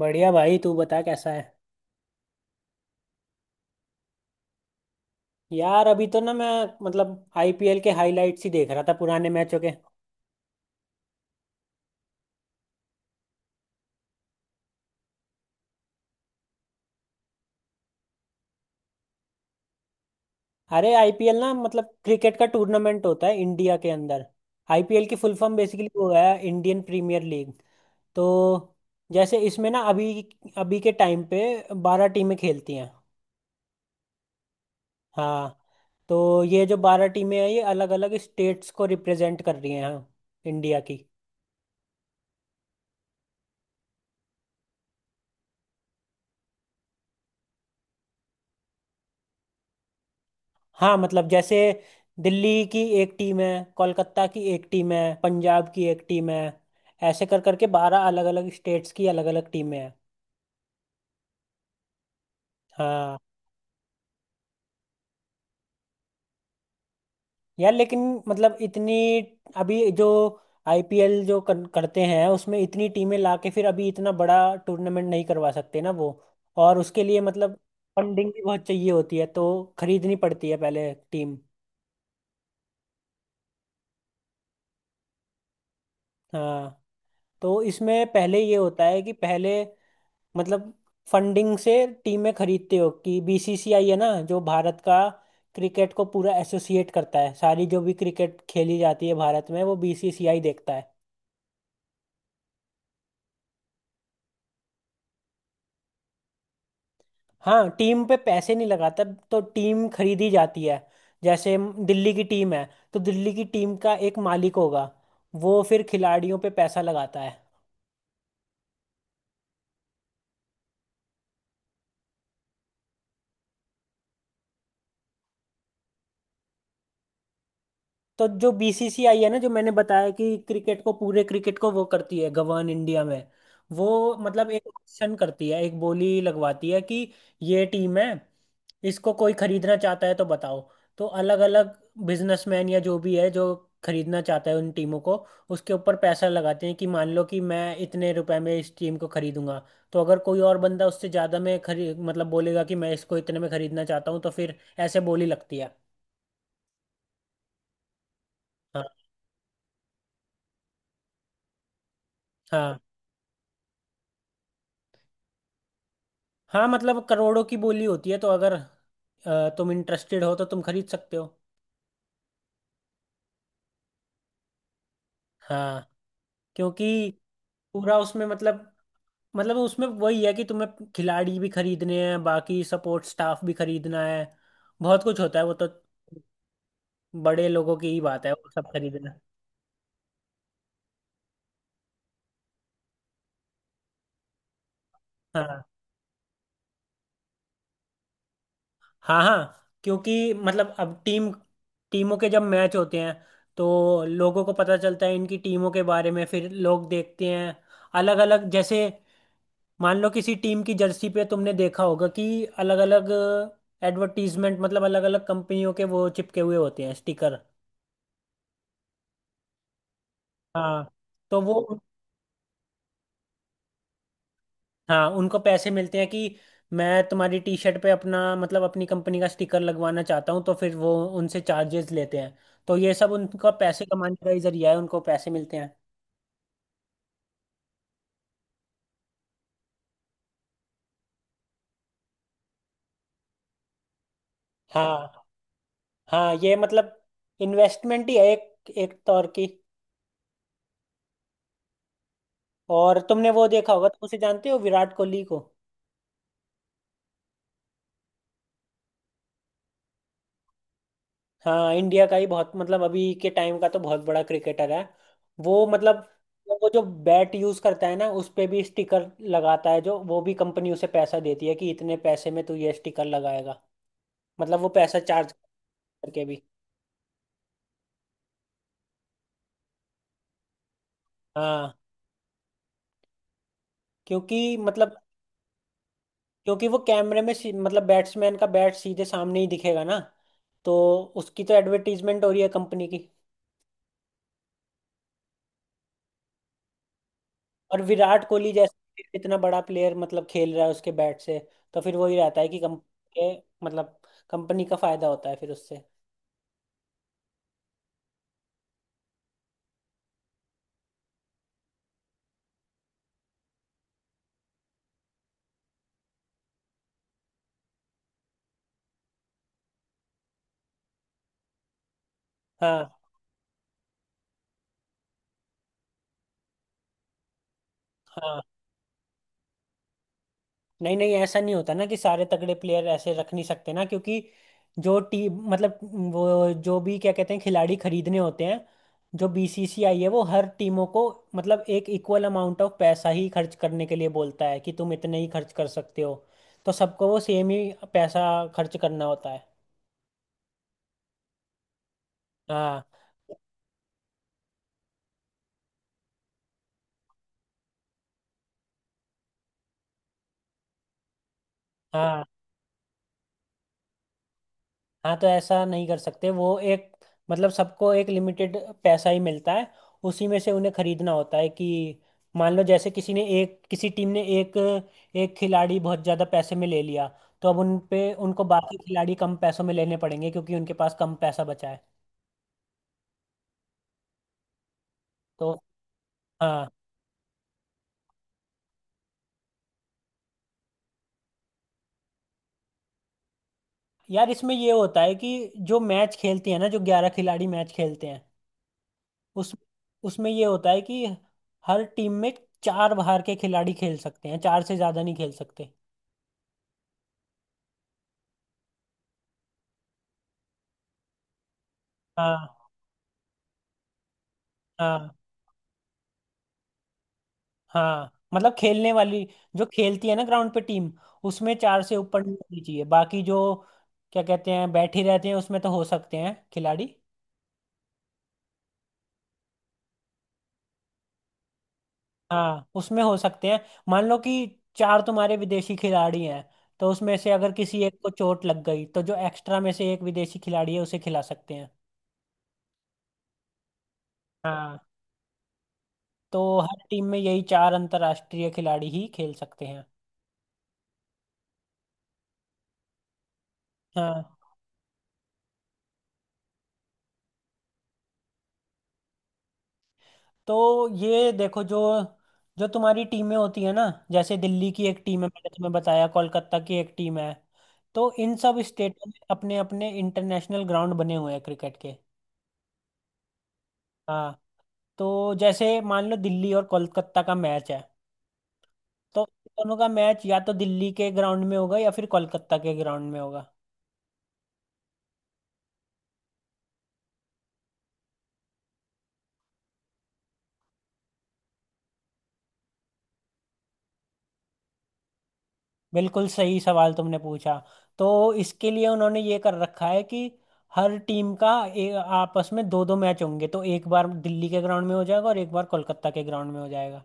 बढ़िया भाई। तू बता कैसा है? यार, अभी तो ना मैं मतलब आईपीएल के हाइलाइट्स ही देख रहा था, पुराने मैचों के। अरे आईपीएल ना मतलब क्रिकेट का टूर्नामेंट होता है इंडिया के अंदर। आईपीएल की फुल फॉर्म बेसिकली वो है इंडियन प्रीमियर लीग। तो जैसे इसमें ना अभी अभी के टाइम पे 12 टीमें खेलती हैं। हाँ। तो ये जो 12 टीमें हैं ये अलग अलग स्टेट्स को रिप्रेजेंट कर रही हैं, हाँ, इंडिया की। हाँ मतलब जैसे दिल्ली की एक टीम है, कोलकाता की एक टीम है, पंजाब की एक टीम है। ऐसे कर करके 12 अलग अलग स्टेट्स की अलग अलग टीमें हैं। हाँ। यार लेकिन मतलब इतनी, अभी जो आईपीएल जो करते हैं उसमें इतनी टीमें लाके फिर अभी इतना बड़ा टूर्नामेंट नहीं करवा सकते ना वो। और उसके लिए मतलब फंडिंग भी बहुत चाहिए होती है, तो खरीदनी पड़ती है पहले टीम। हाँ। तो इसमें पहले ये होता है कि पहले मतलब फंडिंग से टीमें खरीदते हो कि बीसीसीआई है ना, जो भारत का क्रिकेट को पूरा एसोसिएट करता है। सारी जो भी क्रिकेट खेली जाती है भारत में वो बीसीसीआई देखता है। हाँ, टीम पे पैसे नहीं लगाता, तो टीम खरीदी जाती है। जैसे दिल्ली की टीम है, तो दिल्ली की टीम का एक मालिक होगा। वो फिर खिलाड़ियों पे पैसा लगाता है। तो जो बीसीसीआई है ना, जो मैंने बताया कि क्रिकेट को पूरे क्रिकेट को वो करती है गवर्न इंडिया में। वो मतलब एक ऑप्शन करती है, एक बोली लगवाती है कि ये टीम है, इसको कोई खरीदना चाहता है तो बताओ। तो अलग अलग बिजनेसमैन या जो भी है, जो खरीदना चाहता है उन टीमों को, उसके ऊपर पैसा लगाते हैं कि मान लो कि मैं इतने रुपए में इस टीम को खरीदूंगा। तो अगर कोई और बंदा उससे ज़्यादा में खरी मतलब बोलेगा कि मैं इसको इतने में खरीदना चाहता हूँ, तो फिर ऐसे बोली लगती है। हाँ, हाँ, हाँ मतलब करोड़ों की बोली होती है, तो अगर तुम इंटरेस्टेड हो तो तुम खरीद सकते हो। हाँ क्योंकि पूरा उसमें मतलब, मतलब उसमें वही है कि तुम्हें खिलाड़ी भी खरीदने हैं, बाकी सपोर्ट स्टाफ भी खरीदना है। बहुत कुछ होता है वो तो। बड़े लोगों की ही बात है वो सब खरीदना। हाँ, हाँ, हाँ क्योंकि मतलब अब टीमों के जब मैच होते हैं तो लोगों को पता चलता है इनकी टीमों के बारे में, फिर लोग देखते हैं अलग अलग। जैसे मान लो किसी टीम की जर्सी पे तुमने देखा होगा कि अलग अलग एडवर्टीजमेंट मतलब अलग अलग कंपनियों के वो चिपके हुए होते हैं स्टिकर। हाँ तो वो, हाँ उनको पैसे मिलते हैं कि मैं तुम्हारी टी शर्ट पे अपना मतलब अपनी कंपनी का स्टिकर लगवाना चाहता हूँ, तो फिर वो उनसे चार्जेस लेते हैं। तो ये सब उनका पैसे कमाने का ही जरिया है, उनको पैसे मिलते हैं। हाँ, हाँ ये मतलब इन्वेस्टमेंट ही है एक एक तौर की। और तुमने वो देखा होगा, तुम उसे जानते हो विराट कोहली को। हाँ इंडिया का ही बहुत मतलब अभी के टाइम का तो बहुत बड़ा क्रिकेटर है वो मतलब। वो जो बैट यूज करता है ना उस पे भी स्टिकर लगाता है, जो वो भी कंपनी उसे पैसा देती है कि इतने पैसे में तू ये स्टिकर लगाएगा। मतलब वो पैसा चार्ज करके भी, हाँ क्योंकि मतलब, क्योंकि वो कैमरे में मतलब बैट्समैन का बैट सीधे सामने ही दिखेगा ना। तो उसकी तो एडवर्टीजमेंट हो रही है कंपनी की। और विराट कोहली जैसे इतना बड़ा प्लेयर मतलब खेल रहा है उसके बैट से, तो फिर वही रहता है कि कंपनी के मतलब कंपनी का फायदा होता है फिर उससे। हाँ, हाँ नहीं नहीं ऐसा नहीं होता ना कि सारे तगड़े प्लेयर ऐसे रख नहीं सकते ना, क्योंकि जो टीम मतलब, वो जो भी क्या कहते हैं खिलाड़ी खरीदने होते हैं, जो बीसीसीआई है वो हर टीमों को मतलब एक इक्वल अमाउंट ऑफ पैसा ही खर्च करने के लिए बोलता है कि तुम इतने ही खर्च कर सकते हो। तो सबको वो सेम ही पैसा खर्च करना होता है। हाँ, हाँ, हाँ तो ऐसा नहीं कर सकते वो, एक मतलब सबको एक लिमिटेड पैसा ही मिलता है, उसी में से उन्हें खरीदना होता है कि मान लो जैसे किसी ने एक, किसी टीम ने एक एक खिलाड़ी बहुत ज़्यादा पैसे में ले लिया, तो अब उन पे उनको बाकी खिलाड़ी कम पैसों में लेने पड़ेंगे क्योंकि उनके पास कम पैसा बचा है। तो हाँ, यार इसमें ये होता है कि जो मैच खेलते हैं ना जो 11 खिलाड़ी मैच खेलते हैं, उस उसमें ये होता है कि हर टीम में चार बाहर के खिलाड़ी खेल सकते हैं, चार से ज़्यादा नहीं खेल सकते। हाँ, हाँ, हाँ मतलब खेलने वाली, जो खेलती है ना ग्राउंड पे टीम, उसमें चार से ऊपर नहीं होनी चाहिए, बाकी जो क्या कहते हैं बैठे रहते हैं उसमें तो हो सकते हैं खिलाड़ी। हाँ उसमें हो सकते हैं। मान लो कि चार तुम्हारे विदेशी खिलाड़ी हैं, तो उसमें से अगर किसी एक को चोट लग गई तो जो एक्स्ट्रा में से एक विदेशी खिलाड़ी है उसे खिला सकते हैं। हाँ, तो हर टीम में यही चार अंतर्राष्ट्रीय खिलाड़ी ही खेल सकते हैं। हाँ। तो ये देखो जो, जो तुम्हारी टीमें होती है ना, जैसे दिल्ली की एक टीम है मैंने तुम्हें बताया, कोलकाता की एक टीम है, तो इन सब स्टेटों में अपने अपने इंटरनेशनल ग्राउंड बने हुए हैं क्रिकेट के। हाँ, तो जैसे मान लो दिल्ली और कोलकाता का मैच है, तो दोनों का मैच या तो दिल्ली के ग्राउंड में होगा या फिर कोलकाता के ग्राउंड में होगा। बिल्कुल सही सवाल तुमने पूछा। तो इसके लिए उन्होंने ये कर रखा है कि हर टीम का आपस में दो दो मैच होंगे, तो एक बार दिल्ली के ग्राउंड में हो जाएगा और एक बार कोलकाता के ग्राउंड में हो जाएगा।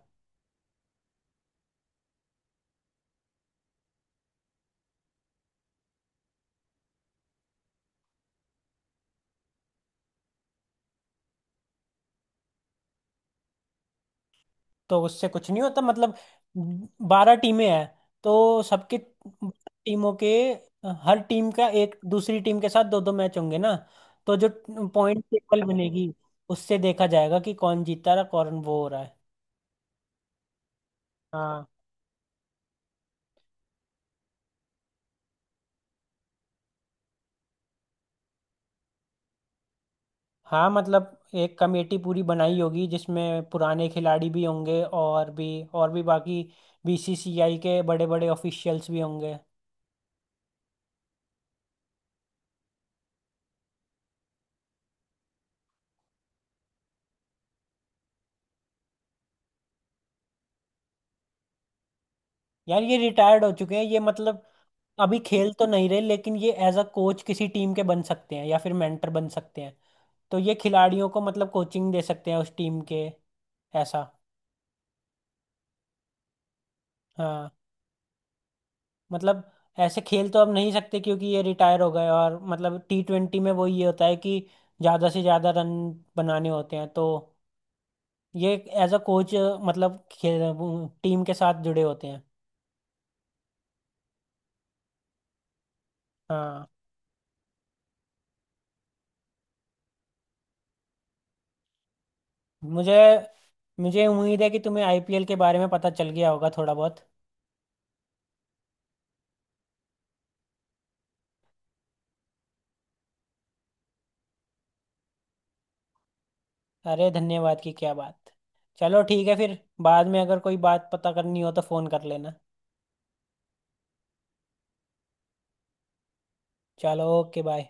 तो उससे कुछ नहीं होता, मतलब 12 टीमें हैं, तो सबके टीमों के, हर टीम का एक दूसरी टीम के साथ दो दो मैच होंगे ना। तो जो पॉइंट टेबल बनेगी उससे देखा जाएगा कि कौन जीता रहा कौन वो हो रहा है। हाँ, हाँ मतलब एक कमेटी पूरी बनाई होगी जिसमें पुराने खिलाड़ी भी होंगे, और भी, और भी बाकी बीसीसीआई के बड़े बड़े ऑफिशियल्स भी होंगे। यार ये रिटायर्ड हो चुके हैं, ये मतलब अभी खेल तो नहीं रहे, लेकिन ये एज अ कोच किसी टीम के बन सकते हैं या फिर मेंटर बन सकते हैं। तो ये खिलाड़ियों को मतलब कोचिंग दे सकते हैं उस टीम के। ऐसा, हाँ मतलब ऐसे खेल तो अब नहीं सकते क्योंकि ये रिटायर हो गए, और मतलब T20 में वो ये होता है कि ज़्यादा से ज़्यादा रन बनाने होते हैं, तो ये एज अ कोच मतलब खेल टीम के साथ जुड़े होते हैं। हाँ। मुझे मुझे उम्मीद है कि तुम्हें आईपीएल के बारे में पता चल गया होगा थोड़ा बहुत। अरे, धन्यवाद की क्या बात। चलो ठीक है फिर, बाद में अगर कोई बात पता करनी हो तो फ़ोन कर लेना। चलो ओके बाय।